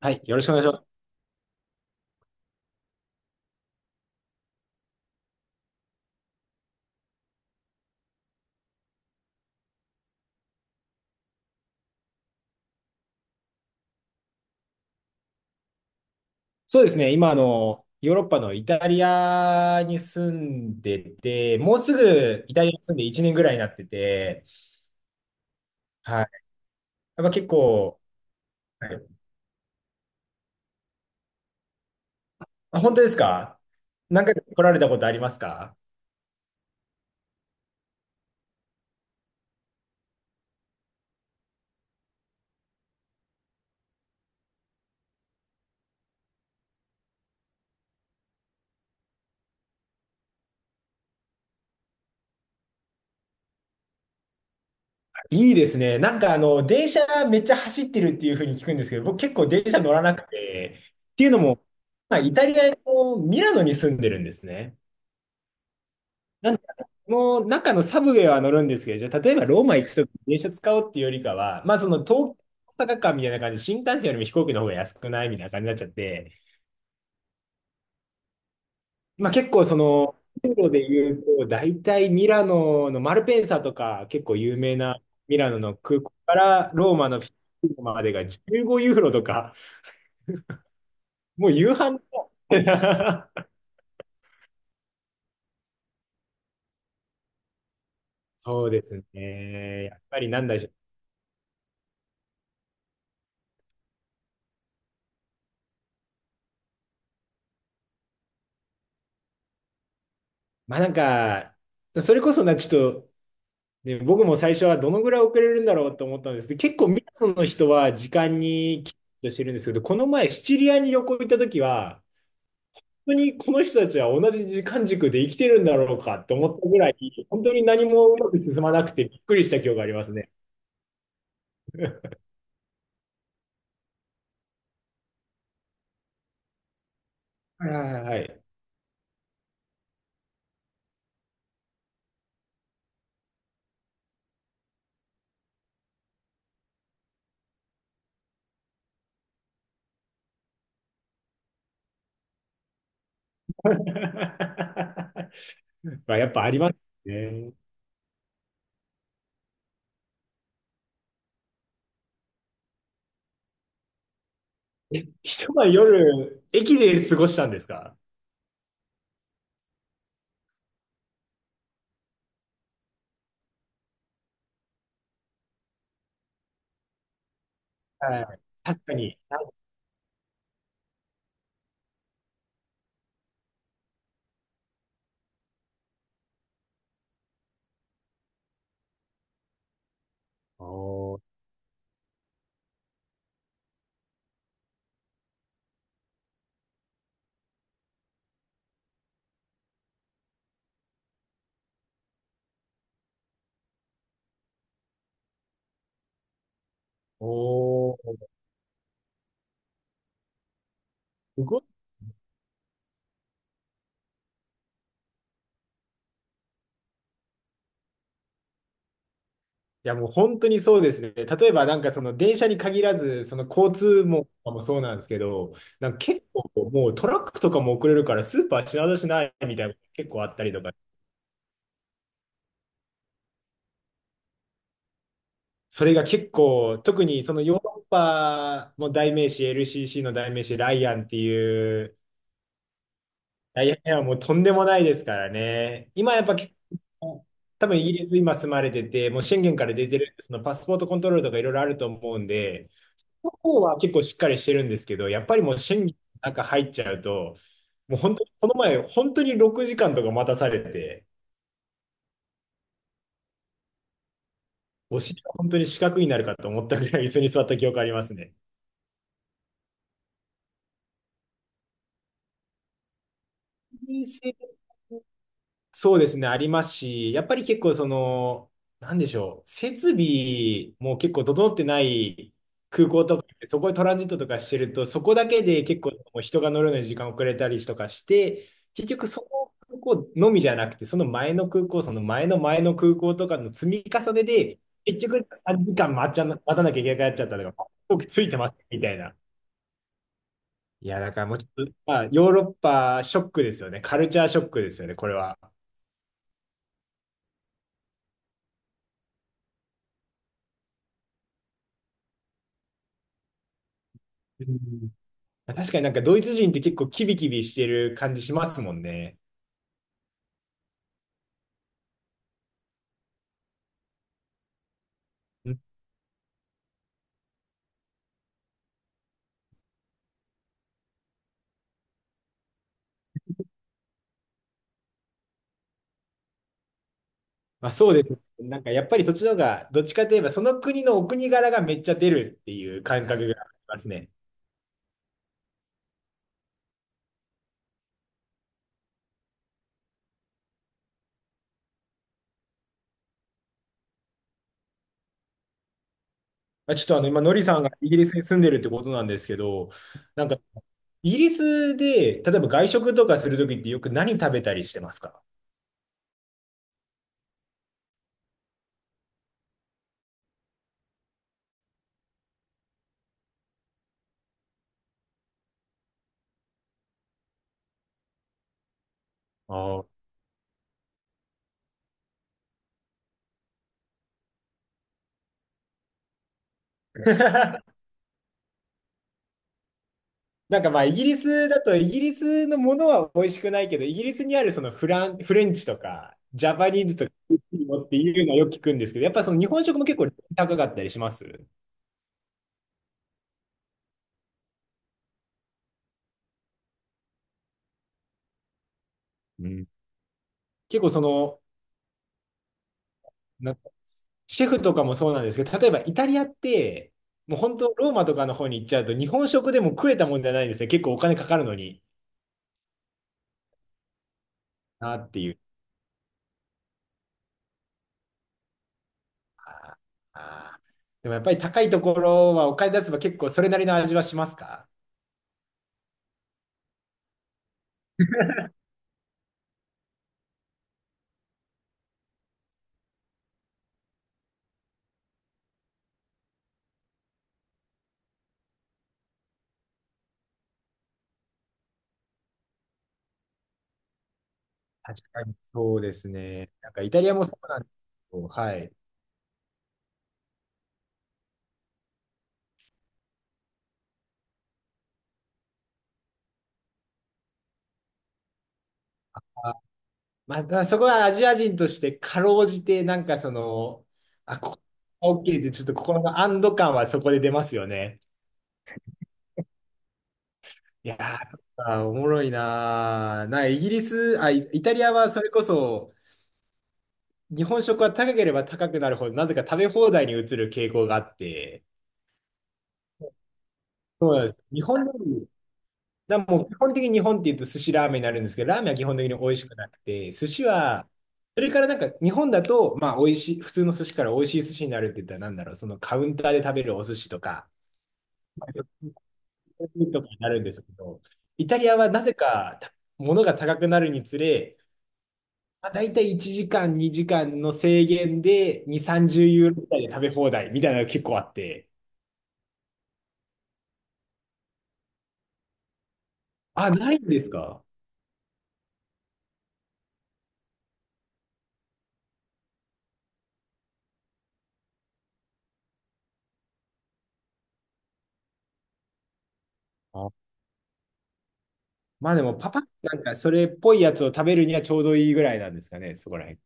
はい、よろしくお願いします。そうですね、今、ヨーロッパのイタリアに住んでて、もうすぐイタリアに住んで1年ぐらいになってて、はい。やっぱ結構、はい。あ、本当ですか？何回か来られたことありますか？いいですね。なんかあの、電車めっちゃ走ってるっていうふうに聞くんですけど、僕結構電車乗らなくて、っていうのも、まあ、イタリアのミラノに住んでるんですね。なんかもう中のサブウェイは乗るんですけど、じゃあ例えばローマ行くときに電車使おうっていうよりかは、まあその東京大阪間みたいな感じで、新幹線よりも飛行機の方が安くないみたいな感じになっちゃって、まあ結構その、ユーロで言うと、大体ミラノのマルペンサとか結構有名なミラノの空港からローマのフィレンツェまでが15ユーロとか、もう夕飯の。 そうですね。やっぱりなんだでしょう。まあなんか、それこそな、ちょっと、で、僕も最初はどのぐらい遅れるんだろうと思ったんですけど、結構ミラノの人は時間にきっとしてるんですけど、この前シチリアに旅行行った時は、本当にこの人たちは同じ時間軸で生きてるんだろうかと思ったぐらい、本当に何もうまく進まなくてびっくりした記憶がありますね。はいはいはい。まあ、やっぱありますね。え、一晩夜、駅で過ごしたんですか？はい。確かに。おー、おー、いや、もう本当にそうですね。例えば、なんかその電車に限らず、その交通網とかもそうなんですけど、なんか結構もうトラックとかも遅れるからスーパー品出しないみたいなのが結構あったりとか、それが結構、特にそのヨーロッパの代名詞、LCC の代名詞、ライアンっていう、ライアンはもうとんでもないですからね。今やっぱ結構、多分イギリス今住まれてて、もう宣言から出てる、そのパスポートコントロールとかいろいろあると思うんで、の方は結構しっかりしてるんですけど、やっぱりもう審議の中入っちゃうと、もう本当に、この前、本当に6時間とか待たされて、お尻が本当に四角になるかと思ったぐらい椅子に座った記憶ありますね。人生そうですね、ありますし、やっぱり結構その、なんでしょう、設備も結構整ってない空港とかって、そこでトランジットとかしてると、そこだけで結構もう人が乗るのに時間遅れたりとかして、結局そこ空港のみじゃなくて、その前の空港、その前の前の空港とかの積み重ねで、結局3時間待っちゃな、待たなきゃいけなくなっちゃったとか、僕ついてますみたいな。いや、だからもうちょっと、まあ、ヨーロッパショックですよね。カルチャーショックですよね、これは。うん、確かになんかドイツ人って結構キビキビしてる感じしますもんね。うん、まあ、そうですね。なんかやっぱりそっちの方が、どっちかといえばその国のお国柄がめっちゃ出るっていう感覚がありますね。まあ、ちょっとあの今、ノリさんがイギリスに住んでるってことなんですけど、なんかイギリスで、例えば外食とかするときってよく何食べたりしてますか？ああ。なんかまあイギリスだとイギリスのものは美味しくないけど、イギリスにあるそのフラン、フレンチとかジャパニーズとかっていうのはよく聞くんですけど、やっぱその日本食も結構高かったりしますうん、結構その、な、シェフとかもそうなんですけど、例えばイタリアって、もう本当、ローマとかの方に行っちゃうと、日本食でも食えたもんじゃないんですね。結構お金かかるのになっていう。あー、でもやっぱり高いところはお金出せば結構それなりの味はしますか？確かにそうですね。なんかイタリアもそうなんですけど、はい。あ、またそこはアジア人としてかろうじて、なんかその、あ、ここ OK で、ちょっと心の安堵感はそこで出ますよね。いやー、あーおもろいなー。な、イギリス、あ、イ、イタリアはそれこそ、日本食は高ければ高くなるほど、なぜか食べ放題に移る傾向があって、そうなんです。日本料理、だもう基本的に日本って言うと寿司ラーメンになるんですけど、ラーメンは基本的に美味しくなくて、寿司は、それからなんか日本だと、まあ美味しい、普通の寿司から美味しい寿司になるって言ったらなんだろう、そのカウンターで食べるお寿司とか、とかになるんですけど、イタリアはなぜか、た、物が高くなるにつれ、まあ、大体1時間、2時間の制限で2、30ユーロぐらいで食べ放題みたいなのが結構あって。あ、ないんですか？あ、まあでもパパッとなんかそれっぽいやつを食べるにはちょうどいいぐらいなんですかね、そこら辺。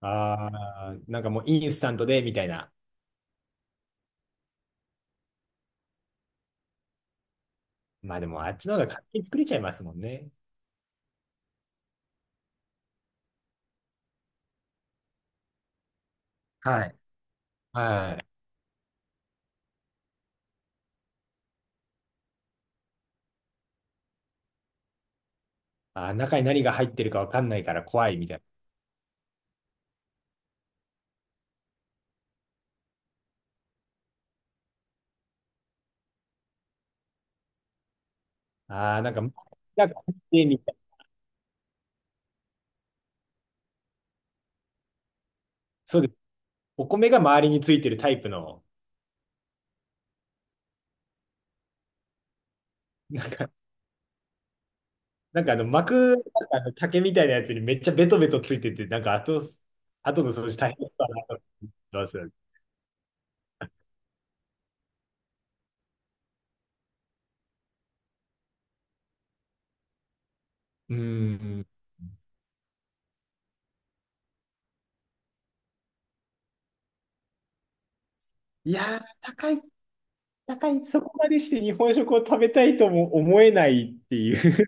ああ、なんかもうインスタントでみたいな。まあでもあっちの方が勝手に作れちゃいますもんね。はい。はい。あー、中に何が入ってるかわかんないから怖いみたいな。ああ、なんか、なんかみたいな。そうです。お米が周りについてるタイプの、なんか、なんかあの膜、なんかあの竹みたいなやつにめっちゃベトベトついてて、なんか後、後の掃除大変だなと思います。うん。いやー、高い、高い、そこまでして日本食を食べたいとも思えないっていう。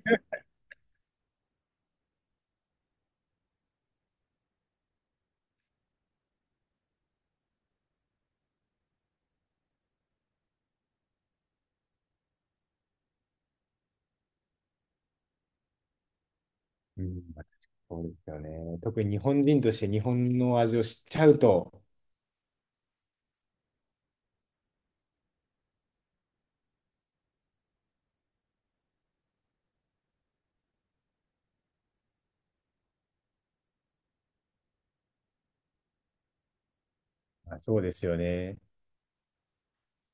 うん、まあそうですよね。特に日本人として日本の味を知っちゃうと、まあそうですよね。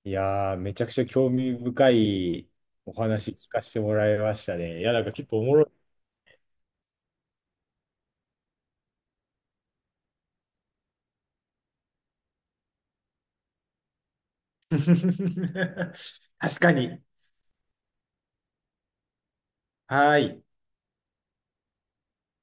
いやー、めちゃくちゃ興味深いお話聞かせてもらいましたね。いや、なんか結構おもろい。確かに。はーい。